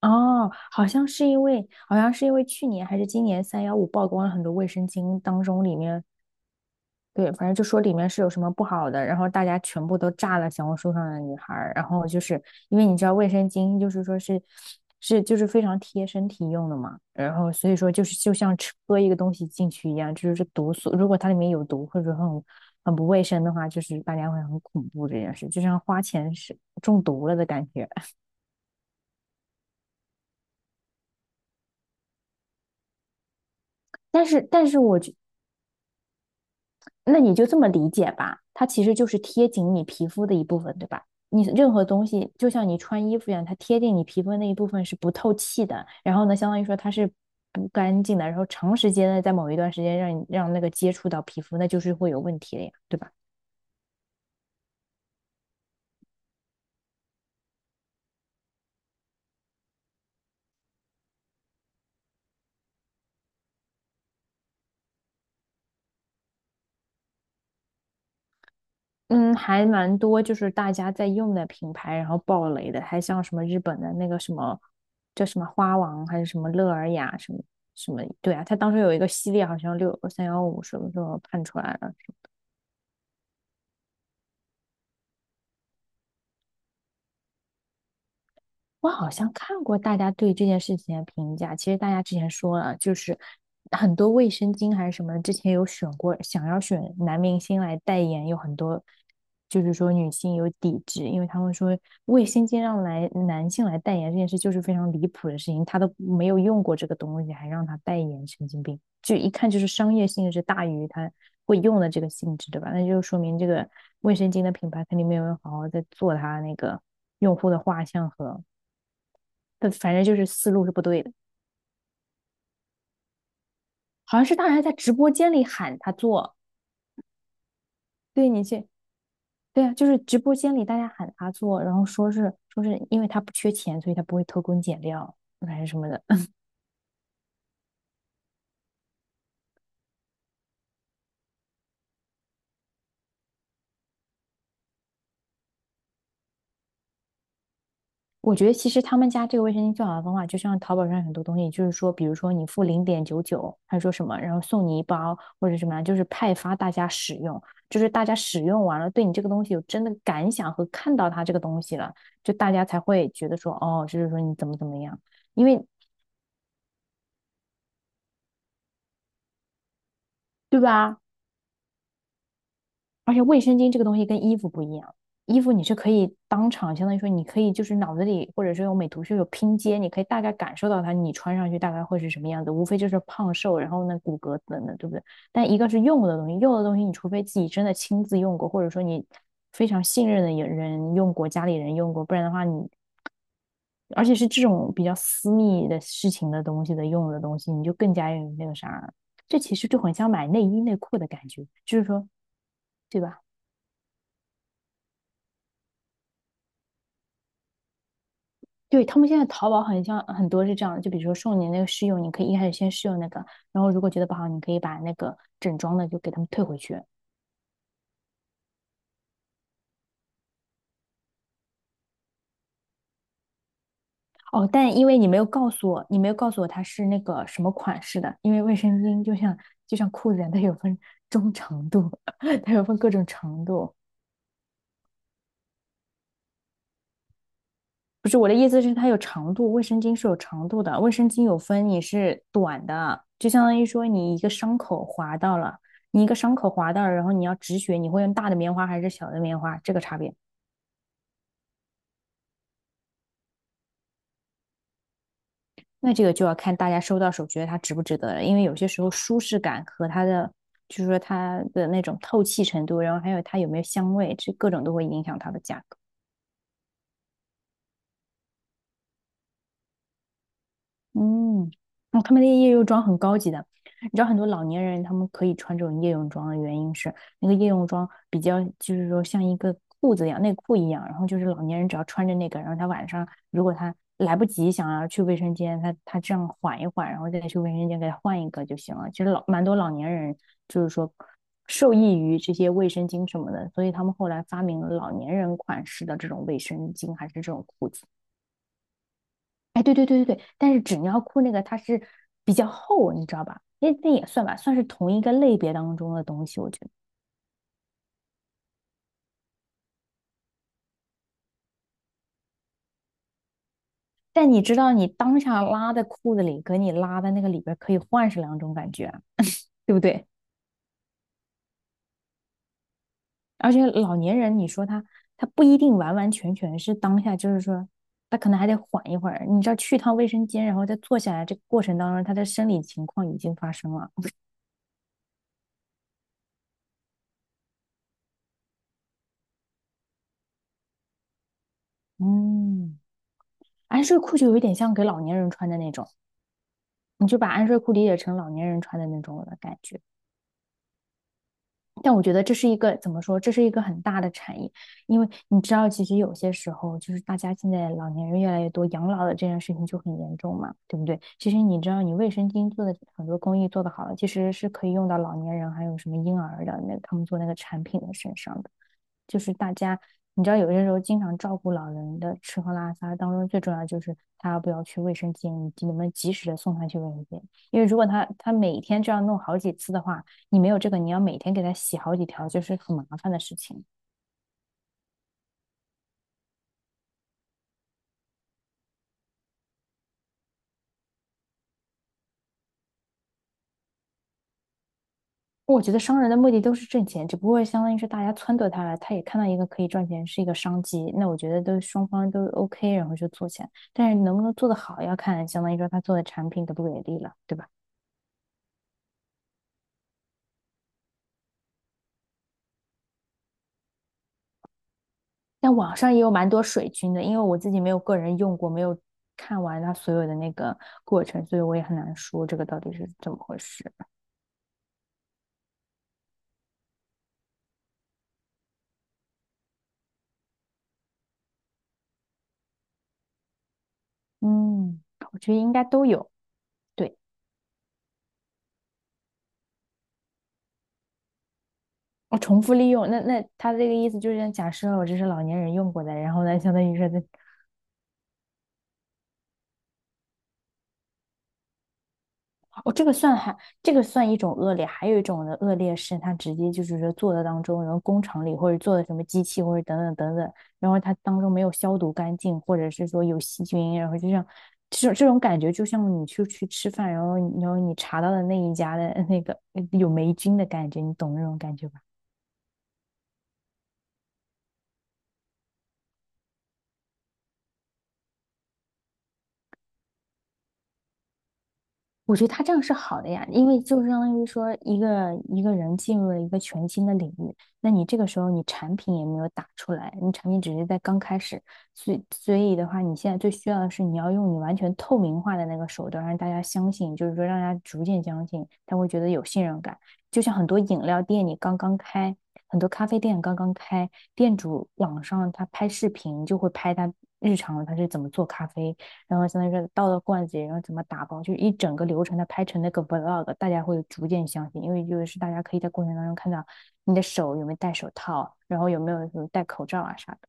哦，好像是因为，好像是因为去年还是今年三幺五曝光了很多卫生巾当中里面。对，反正就说里面是有什么不好的，然后大家全部都炸了小红书上的女孩儿，然后就是因为你知道卫生巾就是说是就是非常贴身体用的嘛，然后所以说就是就像喝一个东西进去一样，就是毒素，如果它里面有毒或者很不卫生的话，就是大家会很恐怖这件事，就像花钱是中毒了的感觉。但是,那你就这么理解吧，它其实就是贴紧你皮肤的一部分，对吧？你任何东西，就像你穿衣服一样，它贴近你皮肤的那一部分是不透气的，然后呢，相当于说它是不干净的，然后长时间的在某一段时间让你让那个接触到皮肤，那就是会有问题的呀，对吧？嗯，还蛮多，就是大家在用的品牌，然后爆雷的，还像什么日本的那个什么叫什么花王，还是什么乐尔雅什么什么。对啊，它当时有一个系列，好像六三幺五什么时候判出来了。我好像看过大家对这件事情的评价，其实大家之前说了，就是很多卫生巾还是什么，之前有选过，想要选男明星来代言，有很多就是说女性有抵制，因为他们说卫生巾让来男性来代言这件事就是非常离谱的事情，他都没有用过这个东西，还让他代言，神经病！就一看就是商业性质大于他会用的这个性质，对吧？那就说明这个卫生巾的品牌肯定没有人好好在做它那个用户的画像和。但反正就是思路是不对的。好像是大家在直播间里喊他做，对你去，对啊，就是直播间里大家喊他做，然后说是说是因为他不缺钱，所以他不会偷工减料还是什么的。我觉得其实他们家这个卫生巾最好的方法，就像淘宝上很多东西，就是说，比如说你付0.99，他说什么，然后送你一包或者什么啊，就是派发大家使用，就是大家使用完了，对你这个东西有真的感想和看到它这个东西了，就大家才会觉得说，哦，就是说你怎么怎么样。因为对吧？而且卫生巾这个东西跟衣服不一样，衣服你是可以当场，相当于说你可以就是脑子里或者是用美图秀秀拼接，你可以大概感受到它你穿上去大概会是什么样子，无非就是胖瘦，然后那骨骼等等，对不对？但一个是用的东西，用的东西你除非自己真的亲自用过，或者说你非常信任的人用过，家里人用过，不然的话你。而且是这种比较私密的事情的东西的用的东西，你就更加有那个啥，这其实就很像买内衣内裤的感觉，就是说，对吧？对，他们现在淘宝很像很多是这样的，就比如说送你那个试用，你可以一开始先试用那个，然后如果觉得不好，你可以把那个整装的就给他们退回去。哦，但因为你没有告诉我，你没有告诉我它是那个什么款式的，因为卫生巾就像就像裤子一样，它有分中长度，它有分各种长度。不是我的意思是它有长度，卫生巾是有长度的，卫生巾有分你是短的，就相当于说你一个伤口划到了，你一个伤口划到了，然后你要止血，你会用大的棉花还是小的棉花，这个差别。那这个就要看大家收到手觉得它值不值得了，因为有些时候舒适感和它的，就是说它的那种透气程度，然后还有它有没有香味，这各种都会影响它的价格。嗯，哦，他们的夜用装很高级的。你知道很多老年人他们可以穿这种夜用装的原因是，那个夜用装比较就是说像一个裤子一样，内裤一样，然后就是老年人只要穿着那个，然后他晚上如果他来不及想要去卫生间，他这样缓一缓，然后再去卫生间给他换一个就行了。其实老蛮多老年人就是说受益于这些卫生巾什么的，所以他们后来发明了老年人款式的这种卫生巾还是这种裤子。哎，对对对对对，但是纸尿裤那个它是比较厚，你知道吧？那也算吧，算是同一个类别当中的东西，我觉得。但你知道，你当下拉在裤子里，跟你拉在那个里边儿可以换是两种感觉啊，对不对？而且老年人，你说他不一定完完全全是当下，就是说他可能还得缓一会儿。你知道，去趟卫生间，然后再坐下来，这个过程当中，他的生理情况已经发生了。嗯，哎，睡裤就有一点像给老年人穿的那种。你就把安睡裤理解成老年人穿的那种的感觉。但我觉得这是一个怎么说？这是一个很大的产业，因为你知道，其实有些时候就是大家现在老年人越来越多，养老的这件事情就很严重嘛，对不对？其实你知道，你卫生巾做的很多工艺做的好了，其实是可以用到老年人还有什么婴儿的那他们做那个产品的身上的。就是大家，你知道有些时候经常照顾老人的吃喝拉撒当中，最重要就是他要不要去卫生间，以及能不能及时的送他去卫生间。因为如果他每天这样弄好几次的话，你没有这个，你要每天给他洗好几条，就是很麻烦的事情。我觉得商人的目的都是挣钱，只不过相当于是大家撺掇他了，他也看到一个可以赚钱是一个商机，那我觉得都双方都 OK,然后就做起来。但是能不能做得好，要看相当于说他做的产品给不给力了，对吧？但网上也有蛮多水军的，因为我自己没有个人用过，没有看完它所有的那个过程，所以我也很难说这个到底是怎么回事。嗯，我觉得应该都有。对，我重复利用，那那他这个意思就是，假设我这是老年人用过的，然后呢，相当于是在哦，这个算还，这个算一种恶劣，还有一种的恶劣是，他直接就是说做的当中，然后工厂里或者做的什么机器或者等等等等，然后它当中没有消毒干净，或者是说有细菌，然后就像这种感觉，就像你去吃饭，然后你查到的那一家的那个有霉菌的感觉，你懂那种感觉吧？我觉得他这样是好的呀，因为就相当于说一个人进入了一个全新的领域，那你这个时候你产品也没有打出来，你产品只是在刚开始，所以的话，你现在最需要的是你要用你完全透明化的那个手段，让大家相信，就是说让大家逐渐相信，他会觉得有信任感。就像很多饮料店你刚刚开，很多咖啡店刚刚开，店主网上他拍视频就会拍他日常他是怎么做咖啡。然后相当于是倒到罐子里，然后怎么打包，就是一整个流程的拍成那个 vlog,大家会逐渐相信，因为就是大家可以在过程当中看到你的手有没有戴手套，然后有没有戴口罩啊啥的。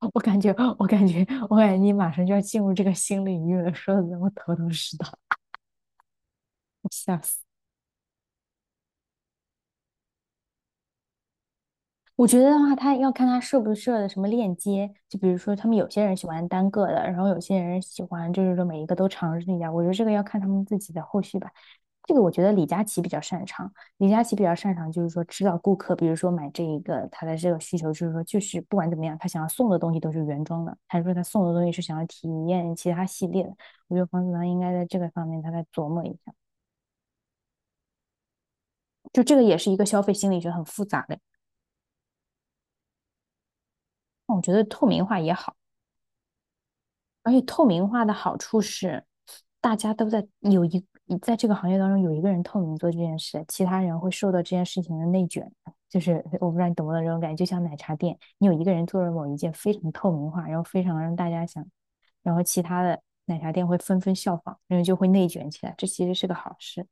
我感觉，我感觉,你马上就要进入这个新领域了，说的我头头是道，我吓死。我觉得的话，他要看他设不设的什么链接，就比如说他们有些人喜欢单个的，然后有些人喜欢就是说每一个都尝试一下。我觉得这个要看他们自己的后续吧。这个我觉得李佳琦比较擅长，李佳琦比较擅长就是说知道顾客，比如说买这一个他的这个需求，就是说就是不管怎么样，他想要送的东西都是原装的，还是说他送的东西是想要体验其他系列的？我觉得黄子韬应该在这个方面他再琢磨一下，就这个也是一个消费心理学很复杂的，我觉得透明化也好，而且透明化的好处是大家都在有一在这个行业当中有一个人透明做这件事，其他人会受到这件事情的内卷。就是我不知道你懂不懂这种感觉，就像奶茶店，你有一个人做了某一件非常透明化，然后非常让大家想，然后其他的奶茶店会纷纷效仿，然后就会内卷起来。这其实是个好事。